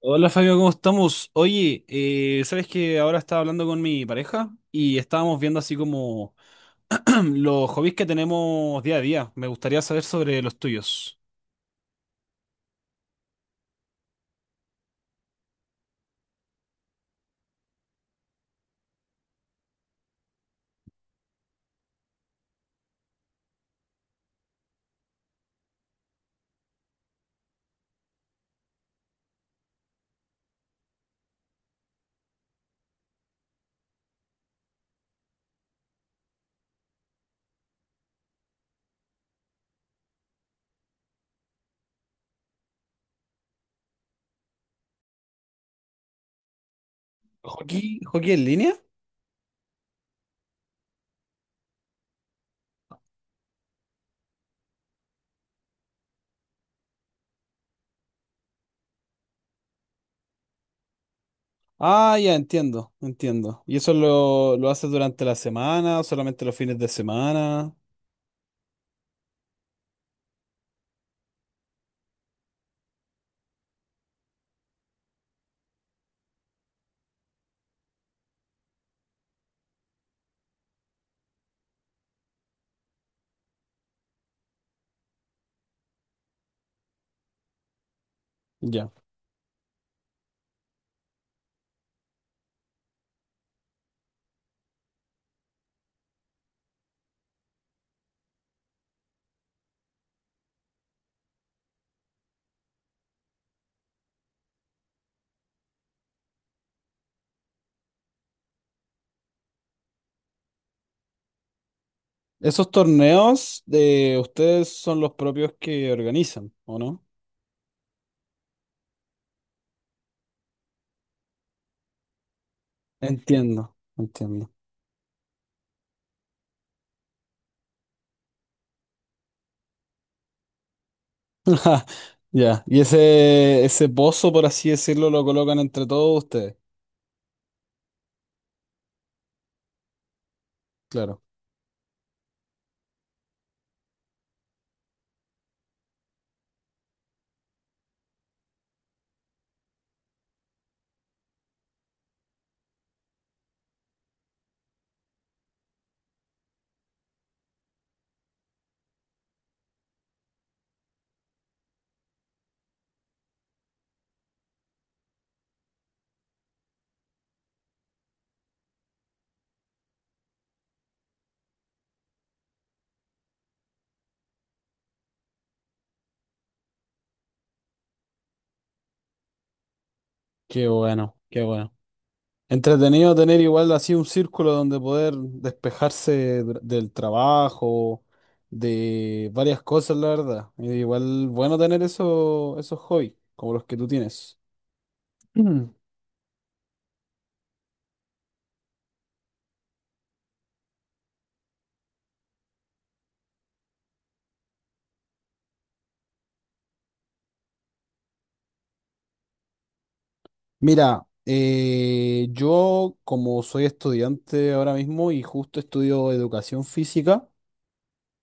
Hola Fabio, ¿cómo estamos? Oye, ¿sabes que ahora estaba hablando con mi pareja y estábamos viendo así como los hobbies que tenemos día a día? Me gustaría saber sobre los tuyos. ¿Hockey? ¿Hockey en línea? Ah, ya entiendo, entiendo. ¿Y eso lo haces durante la semana, o solamente los fines de semana? Ya. ¿Esos torneos de ustedes son los propios que organizan, o no? Entiendo, entiendo. Ja, ya. Y ese pozo, por así decirlo, lo colocan entre todos ustedes. Claro. Qué bueno, qué bueno. Entretenido tener igual así un círculo donde poder despejarse del trabajo, de varias cosas, la verdad. Y igual bueno tener eso, esos hobbies, como los que tú tienes. Mm. Mira, yo como soy estudiante ahora mismo y justo estudio educación física.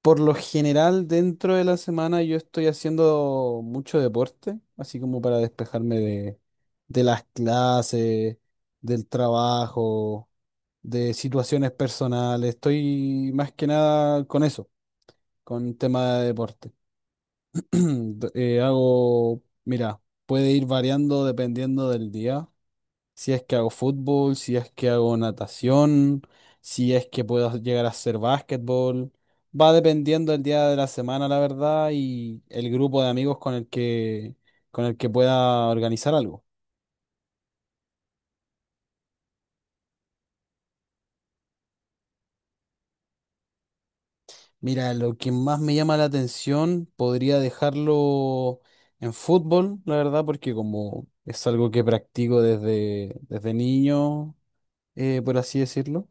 Por lo general, dentro de la semana yo estoy haciendo mucho deporte, así como para despejarme de las clases, del trabajo, de situaciones personales. Estoy más que nada con eso, con tema de deporte. Hago, mira, puede ir variando dependiendo del día si es que hago fútbol, si es que hago natación, si es que puedo llegar a hacer básquetbol. Va dependiendo el día de la semana, la verdad, y el grupo de amigos con el que pueda organizar algo. Mira, lo que más me llama la atención podría dejarlo en fútbol, la verdad, porque como es algo que practico desde, desde niño, por así decirlo.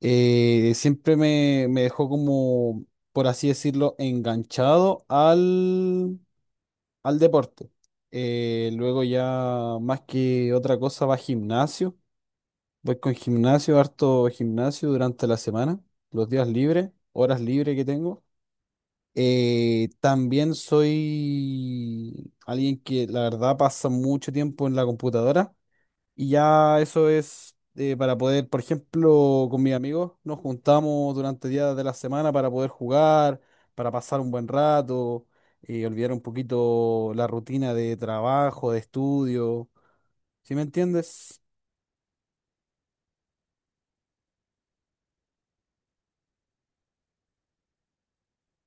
Siempre me, me dejó como, por así decirlo, enganchado al, al deporte. Luego ya más que otra cosa va gimnasio. Voy con gimnasio, harto gimnasio durante la semana, los días libres, horas libres que tengo. También soy alguien que la verdad pasa mucho tiempo en la computadora. Y ya eso es para poder, por ejemplo, con mis amigos nos juntamos durante días de la semana para poder jugar, para pasar un buen rato, olvidar un poquito la rutina de trabajo, de estudio. ¿Sí me entiendes?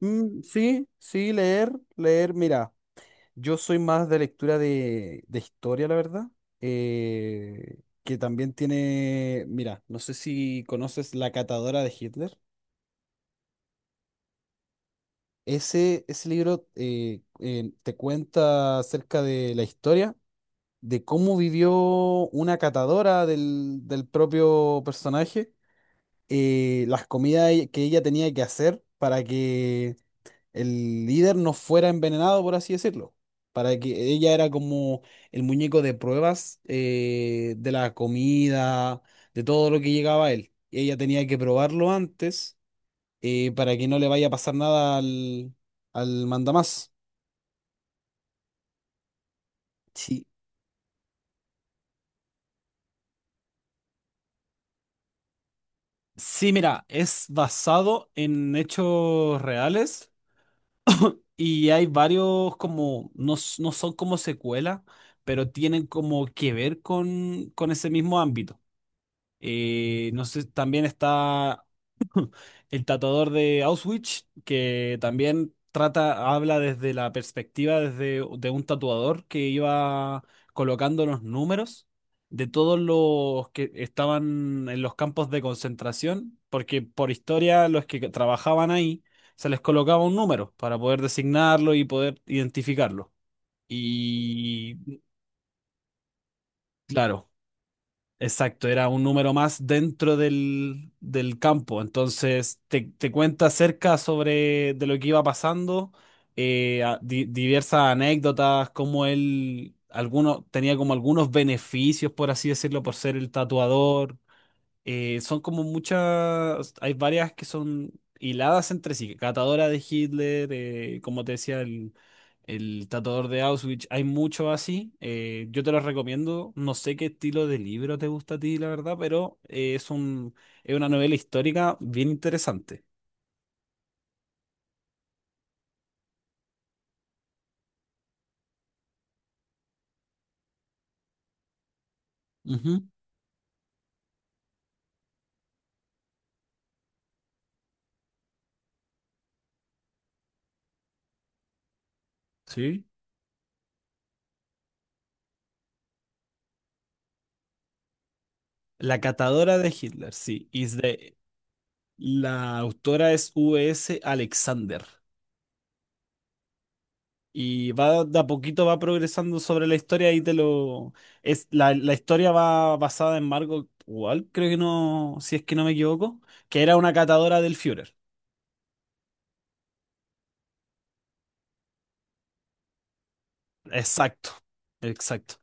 Mm, sí, sí, leer, leer. Mira, yo soy más de lectura de historia, la verdad. eh, que también tiene, mira, no sé si conoces La Catadora de Hitler. Ese libro te cuenta acerca de la historia, de cómo vivió una catadora del, del propio personaje, las comidas que ella tenía que hacer para que el líder no fuera envenenado, por así decirlo. Para que ella era como el muñeco de pruebas de la comida, de todo lo que llegaba a él. Y ella tenía que probarlo antes para que no le vaya a pasar nada al, al mandamás. Sí. Sí, mira, es basado en hechos reales y hay varios como, no, no son como secuela, pero tienen como que ver con ese mismo ámbito. No sé, también está El tatuador de Auschwitz, que también trata, habla desde la perspectiva desde, de un tatuador que iba colocando los números de todos los que estaban en los campos de concentración, porque por historia los que trabajaban ahí se les colocaba un número para poder designarlo y poder identificarlo. Y claro. Exacto, era un número más dentro del, del campo. Entonces te cuenta acerca sobre de lo que iba pasando, diversas anécdotas, como él alguno, tenía como algunos beneficios, por así decirlo, por ser el tatuador. Son como muchas, hay varias que son hiladas entre sí, Catadora de Hitler, como te decía, el tatuador de Auschwitz, hay muchos así, yo te los recomiendo, no sé qué estilo de libro te gusta a ti, la verdad, pero es un, es una novela histórica bien interesante. Ujú. Sí. La Catadora de Hitler, sí, la autora es V.S. Alexander. Y va de a poquito va progresando sobre la historia y te lo es la, la historia va basada en Margot Wall, creo que no, si es que no me equivoco, que era una catadora del Führer. Exacto, exacto.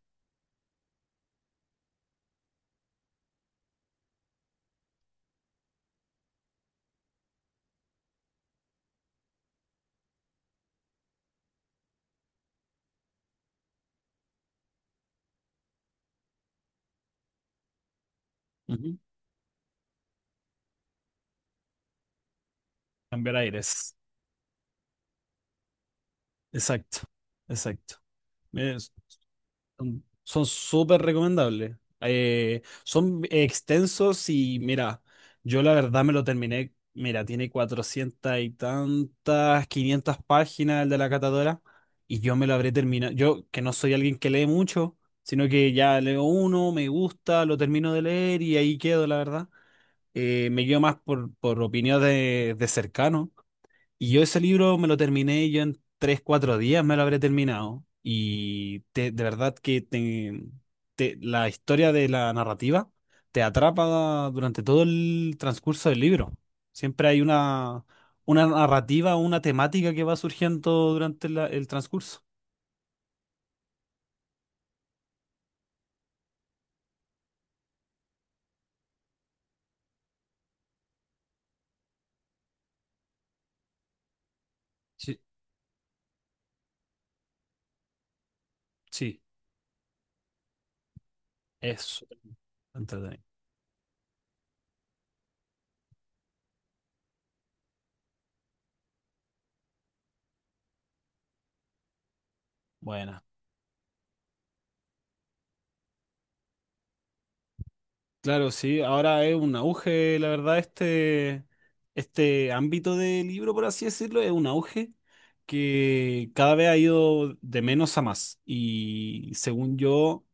Ujú. Cambiar aires. Exacto, exacto. Es- son súper recomendables. Son extensos y mira, yo la verdad me lo terminé. Mira, tiene 400 y tantas, 500 páginas el de la catadora y yo me lo habré terminado. Yo, que no soy alguien que lee mucho, sino que ya leo uno, me gusta, lo termino de leer y ahí quedo, la verdad. Me guío más por opinión de cercano y yo ese libro me lo terminé, yo en tres, cuatro días me lo habré terminado. Y te- de verdad que te- te- La historia de la narrativa te atrapa durante todo el transcurso del libro. Siempre hay una narrativa, una temática que va surgiendo durante el transcurso. Sí, sí. Es súper entretenido. Buena. Claro, sí, ahora es un auge, la verdad, este ámbito de libro, por así decirlo, es un auge que cada vez ha ido de menos a más. Y según yo,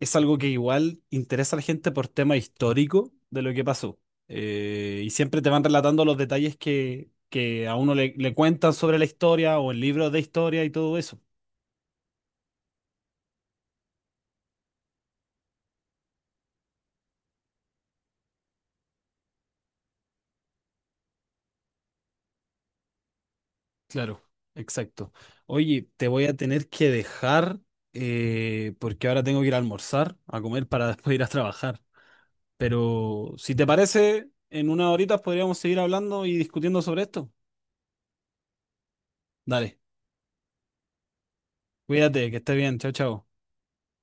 es algo que igual interesa a la gente por tema histórico de lo que pasó. Y siempre te van relatando los detalles que a uno le, le cuentan sobre la historia o en libros de historia y todo eso. Claro, exacto. Oye, te voy a tener que dejar porque ahora tengo que ir a almorzar, a comer para después ir a trabajar. Pero si te parece, en unas horitas podríamos seguir hablando y discutiendo sobre esto. Dale, cuídate, que estés bien. Chao, chao.